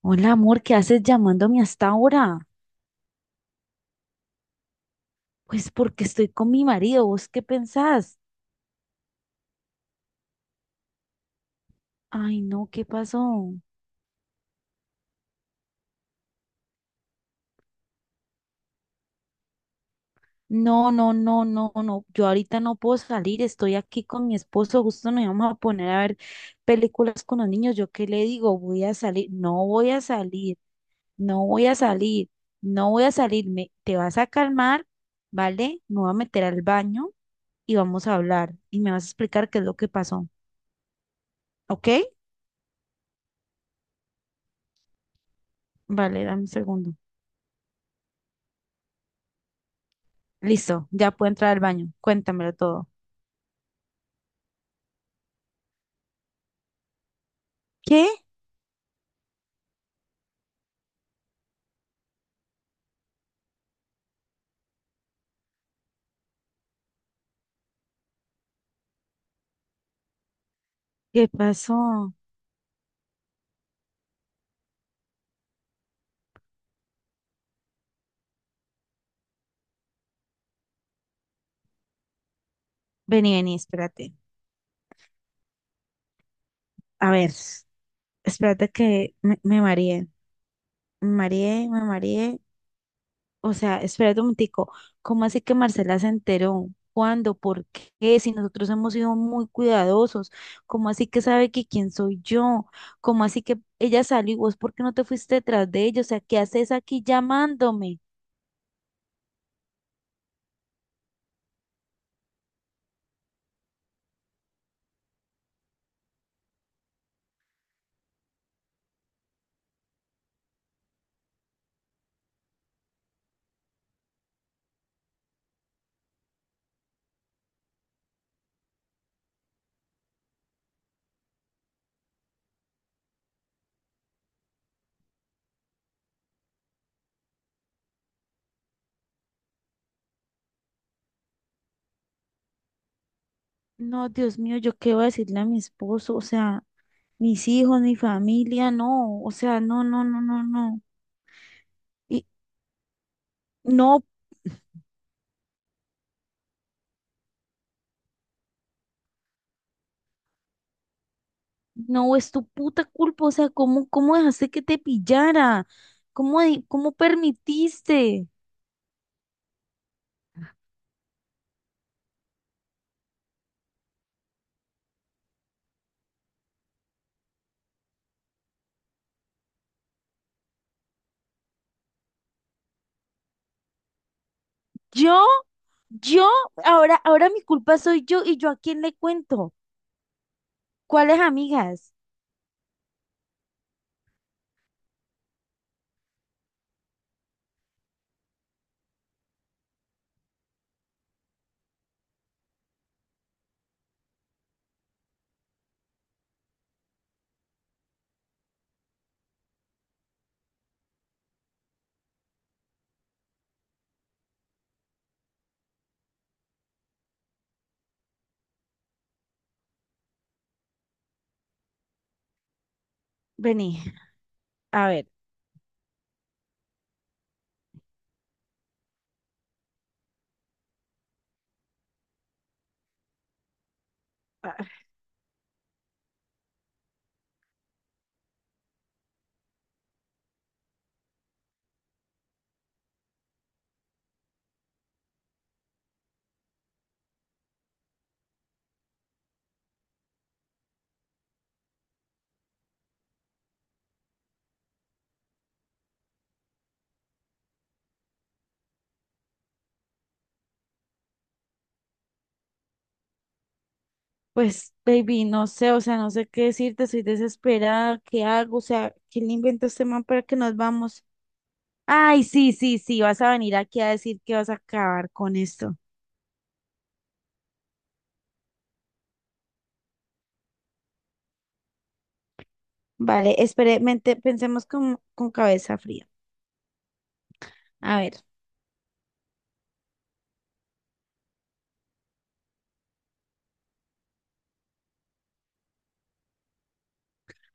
Hola, amor, ¿qué haces llamándome hasta ahora? Pues porque estoy con mi marido, ¿vos qué pensás? Ay, no, ¿qué pasó? No, no, no, no, no, yo ahorita no puedo salir, estoy aquí con mi esposo, justo nos íbamos a poner a ver películas con los niños, ¿yo qué le digo? Voy a salir, no voy a salir, no voy a salir, no voy a salirme, te vas a calmar, ¿vale? Me voy a meter al baño y vamos a hablar y me vas a explicar qué es lo que pasó, ¿ok? Vale, dame un segundo. Listo, ya puedo entrar al baño. Cuéntamelo todo. ¿Qué? ¿Qué pasó? Vení, vení, espérate. A ver, espérate me mareé. Me mareé, me mareé. O sea, espérate un momentico. ¿Cómo así que Marcela se enteró? ¿Cuándo? ¿Por qué? Si nosotros hemos sido muy cuidadosos. ¿Cómo así que sabe que quién soy yo? ¿Cómo así que ella salió y vos por qué no te fuiste detrás de ella? O sea, ¿qué haces aquí llamándome? No, Dios mío, ¿yo qué voy a decirle a mi esposo? O sea, mis hijos, mi familia, no, o sea, no, no, no, no, no. Y no, no, es tu puta culpa, o sea, ¿cómo, cómo dejaste que te pillara? ¿Cómo, cómo permitiste? Yo, yo, ahora, ahora mi culpa soy yo y yo a quién le cuento. ¿Cuáles amigas? Vení, a ver. ah, Pues, baby, no sé, o sea, no sé qué decirte, soy desesperada, ¿qué hago? O sea, ¿quién le inventó este man para que nos vamos? Ay, sí, sí, sí, vas a venir aquí a decir que vas a acabar con esto. Vale, espere, pensemos con cabeza fría. A ver,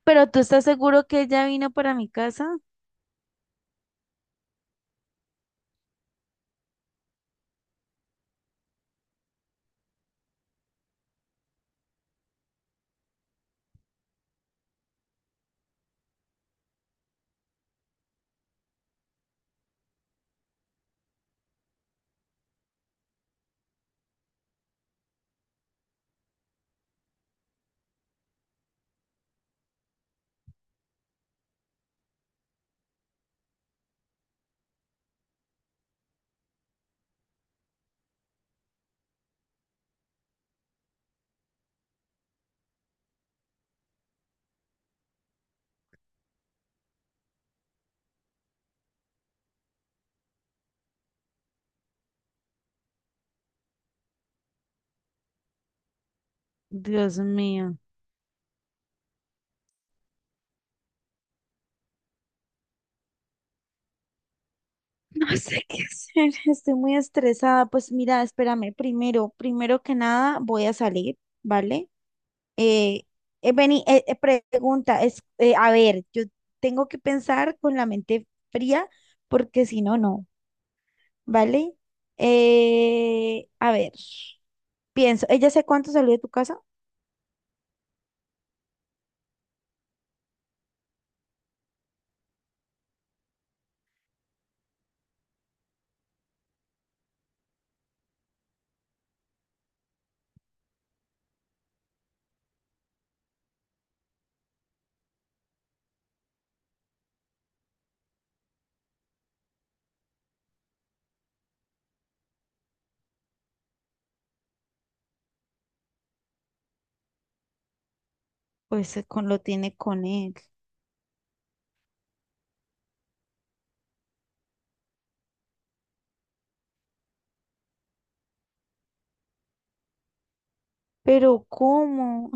¿pero tú estás seguro que ella vino para mi casa? Dios mío, no sé qué hacer, estoy muy estresada. Pues mira, espérame, primero, primero que nada voy a salir, ¿vale? Eh, vení, pregunta, a ver, yo tengo que pensar con la mente fría porque si no, no. ¿Vale? A ver, pienso, ¿ella sé cuánto salió de tu casa? Lo tiene con él. Pero ¿cómo?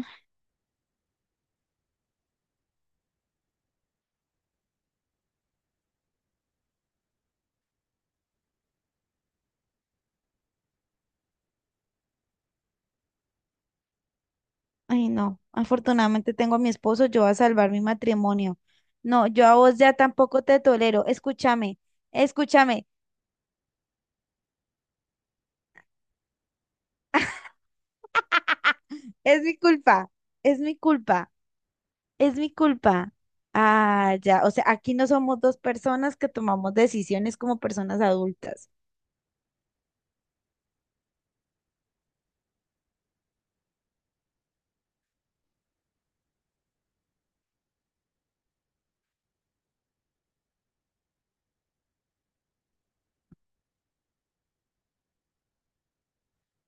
Ay, no. Afortunadamente tengo a mi esposo, yo voy a salvar mi matrimonio. No, yo a vos ya tampoco te tolero. Escúchame, escúchame. Es mi culpa, es mi culpa. Es mi culpa. Ah, ya. O sea, aquí no somos dos personas que tomamos decisiones como personas adultas.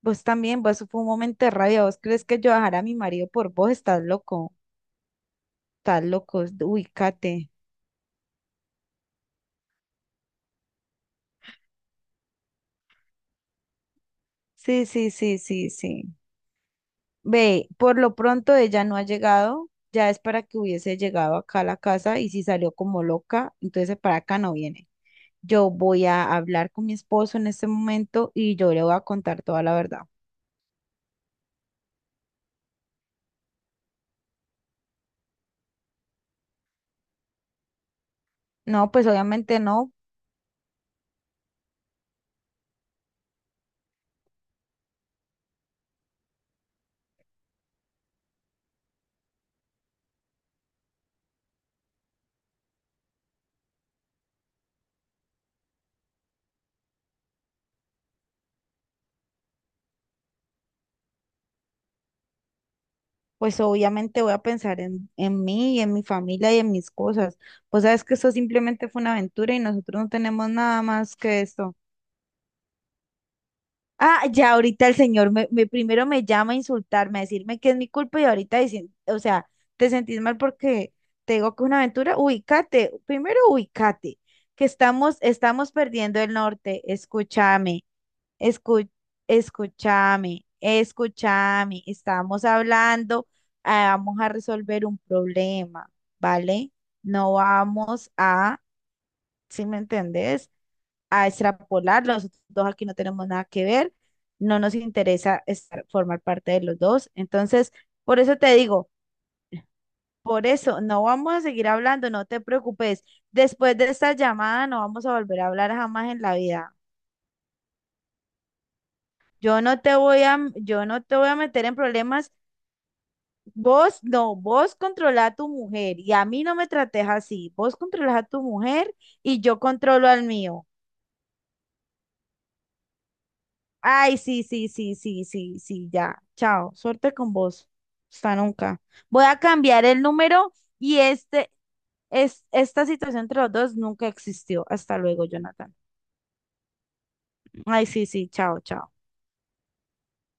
Vos también, vos fue un momento de rabia. ¿Vos crees que yo dejaré a mi marido por vos? Estás loco. Estás loco. Ubícate. Sí, sí, sí, sí, sí. Ve, por lo pronto ella no ha llegado, ya es para que hubiese llegado acá a la casa y si salió como loca, entonces para acá no viene. Yo voy a hablar con mi esposo en este momento y yo le voy a contar toda la verdad. No, pues obviamente no, pues obviamente voy a pensar en mí y en mi familia y en mis cosas. Pues sabes que esto simplemente fue una aventura y nosotros no tenemos nada más que esto. Ah, ya ahorita el señor primero me llama a insultarme, a decirme que es mi culpa y ahorita dicen, o sea, te sentís mal porque te digo que es una aventura, ubícate, primero ubícate, que estamos, estamos perdiendo el norte, escúchame, escu- escúchame, escúchame, estamos hablando, vamos a resolver un problema, ¿vale? No vamos a, ¿si me entendés?, a extrapolar, los dos aquí no tenemos nada que ver, no nos formar parte de los dos. Entonces, por eso te digo, por eso no vamos a seguir hablando, no te preocupes. Después de esta llamada no vamos a volver a hablar jamás en la vida. Yo no te voy a meter en problemas. Vos no, vos controla a tu mujer y a mí no me trates así. Vos controlas a tu mujer y yo controlo al mío. Ay, sí, sí, sí, sí, sí, sí, ya. Chao. Suerte con vos. Hasta nunca. Voy a cambiar el número y este, esta situación entre los dos nunca existió. Hasta luego, Jonathan. Ay, sí, sí, chao, chao.